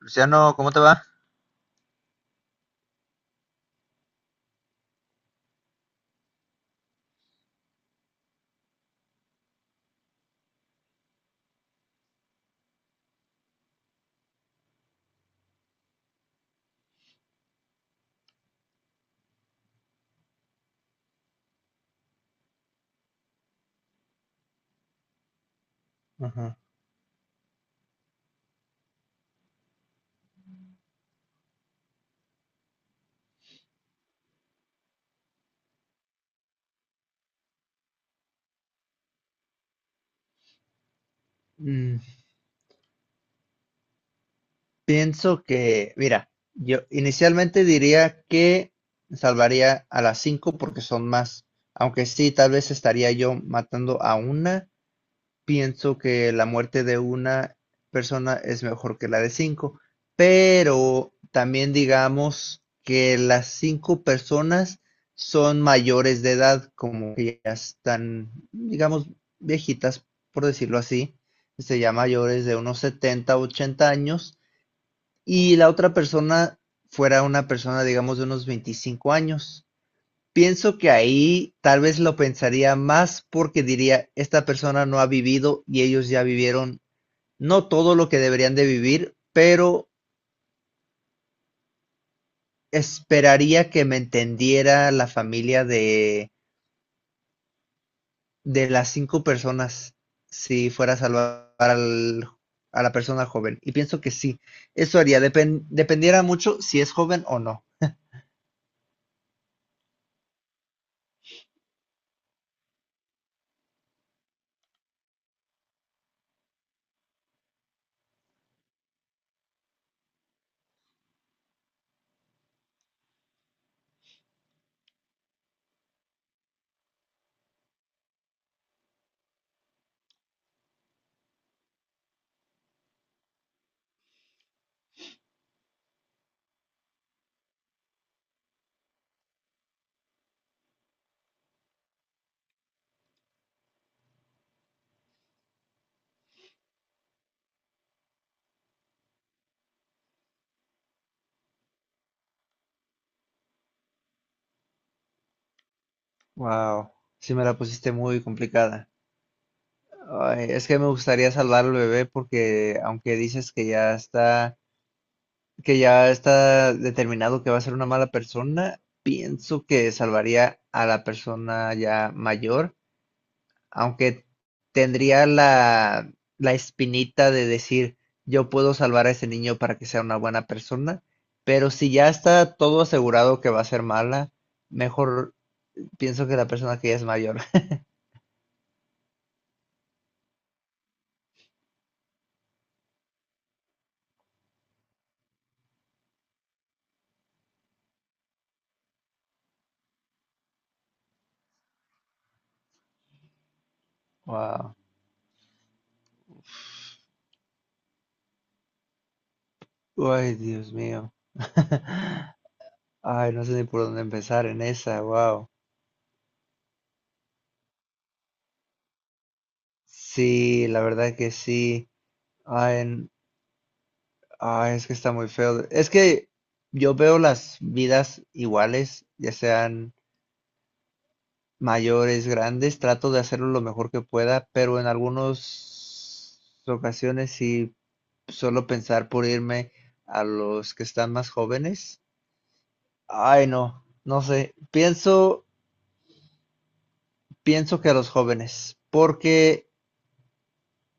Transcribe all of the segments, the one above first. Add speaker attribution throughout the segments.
Speaker 1: Luciano, ¿cómo te va? Ajá. Mm, pienso que, mira, yo inicialmente diría que salvaría a las cinco porque son más, aunque sí, tal vez estaría yo matando a una, pienso que la muerte de una persona es mejor que la de cinco, pero también digamos que las cinco personas son mayores de edad, como que ya están, digamos, viejitas, por decirlo así, se llama mayores de unos 70, 80 años, y la otra persona fuera una persona, digamos, de unos 25 años. Pienso que ahí tal vez lo pensaría más porque diría, esta persona no ha vivido y ellos ya vivieron, no todo lo que deberían de vivir, pero esperaría que me entendiera la familia de las cinco personas si fuera a a la persona joven. Y pienso que sí, eso haría, dependiera mucho si es joven o no. Wow, sí me la pusiste muy complicada. Ay, es que me gustaría salvar al bebé porque aunque dices que ya está determinado que va a ser una mala persona, pienso que salvaría a la persona ya mayor, aunque tendría la espinita de decir, yo puedo salvar a ese niño para que sea una buena persona, pero si ya está todo asegurado que va a ser mala, mejor pienso que la persona que ya es mayor. Wow. Ay, Dios mío. Ay, no sé ni por dónde empezar en esa, wow. Sí, la verdad que sí. Ay, n- ay, es que está muy feo. Es que yo veo las vidas iguales, ya sean mayores, grandes, trato de hacerlo lo mejor que pueda, pero en algunas ocasiones sí, solo pensar por irme a los que están más jóvenes. Ay, no, no sé. Pienso que a los jóvenes, porque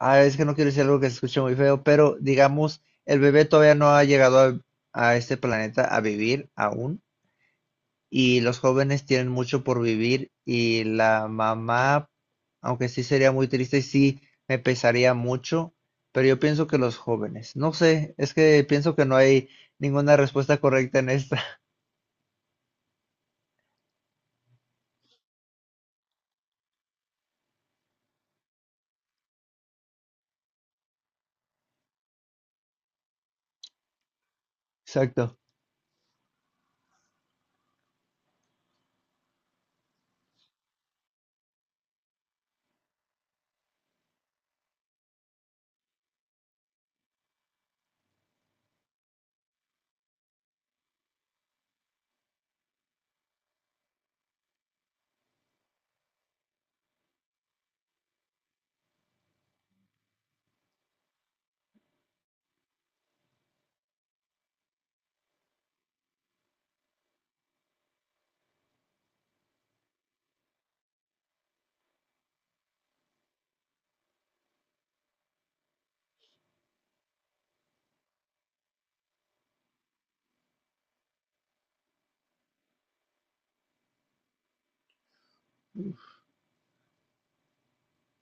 Speaker 1: ah, es que no quiero decir algo que se escuche muy feo, pero digamos, el bebé todavía no ha llegado a este planeta a vivir aún, y los jóvenes tienen mucho por vivir, y la mamá, aunque sí sería muy triste, sí me pesaría mucho, pero yo pienso que los jóvenes, no sé, es que pienso que no hay ninguna respuesta correcta en esta. Exacto.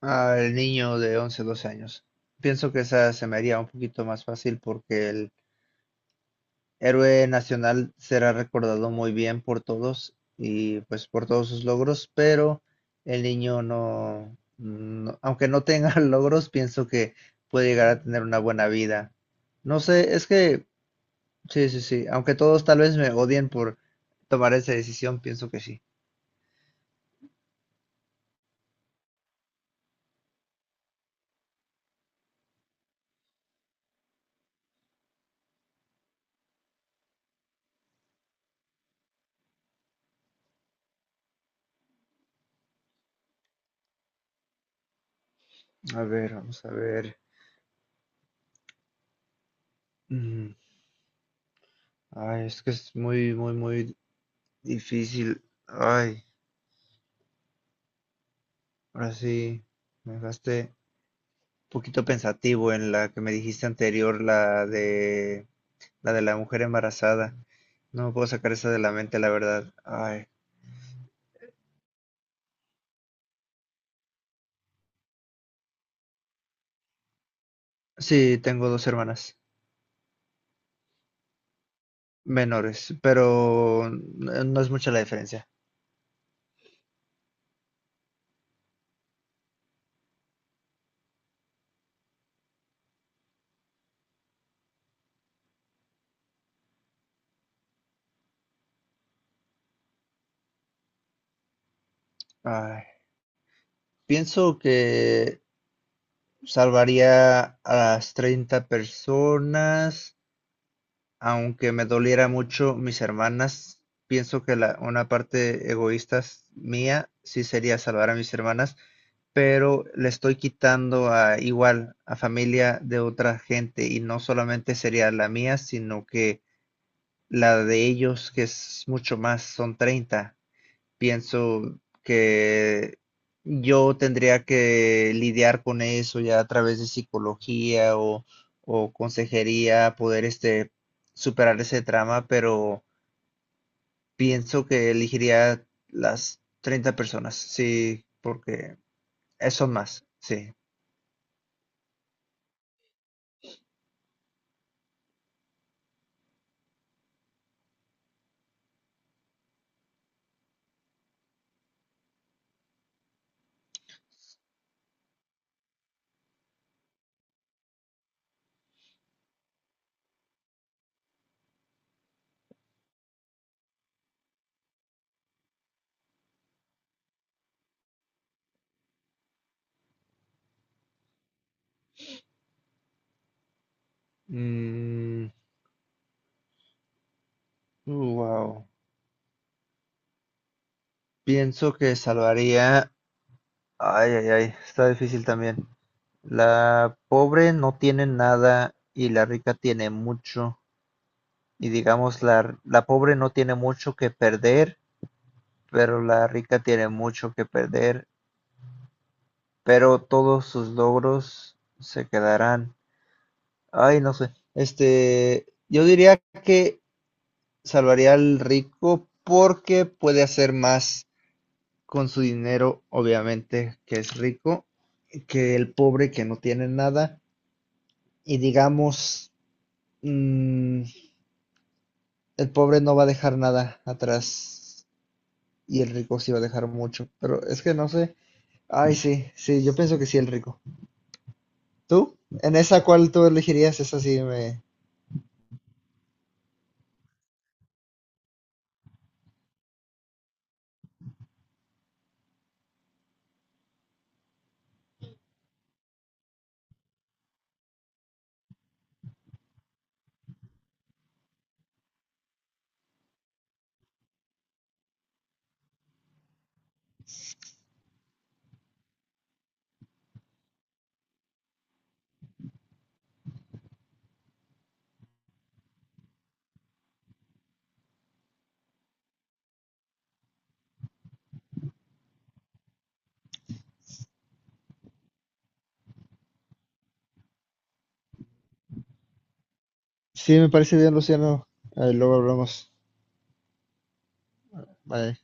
Speaker 1: Al niño de 11, 12 años. Pienso que esa se me haría un poquito más fácil porque el héroe nacional será recordado muy bien por todos y pues por todos sus logros, pero el niño aunque no tenga logros, pienso que puede llegar a tener una buena vida. No sé, es que sí, sí, sí, aunque todos tal vez me odien por tomar esa decisión, pienso que sí. A ver, vamos a ver. Mm, Ay, es que es muy difícil. Ay, ahora sí, me dejaste poquito pensativo en la que me dijiste anterior, la de la de la mujer embarazada. No me puedo sacar esa de la mente, la verdad. Ay, sí, tengo dos hermanas menores, pero no es mucha la diferencia. Ay, pienso que salvaría a las 30 personas. Aunque me doliera mucho mis hermanas, pienso que la una parte mía sí sería salvar a mis hermanas, pero le estoy quitando a igual a familia de otra gente y no solamente sería la mía, sino que la de ellos, que es mucho más, son 30, pienso que yo tendría que lidiar con eso ya a través de psicología o consejería, poder este, superar ese trauma, pero pienso que elegiría las 30 personas, sí, porque eso más, sí. Mm, wow. Pienso que salvaría... Ay, ay, ay, está difícil también. La pobre no tiene nada y la rica tiene mucho. Y digamos la pobre no tiene mucho que perder, pero la rica tiene mucho que perder, pero todos sus logros se quedarán. Ay, no sé. Este, yo diría que salvaría al rico porque puede hacer más con su dinero, obviamente, que es rico, que el pobre que no tiene nada. Y digamos, mm, el pobre no va a dejar nada atrás y el rico sí va a dejar mucho. Pero es que no sé. Ay, sí, sí, yo pienso que sí, el rico. ¿Tú? ¿En esa cuál tú elegirías? Esa sí me parece bien, Luciano. Luego hablamos. Bye.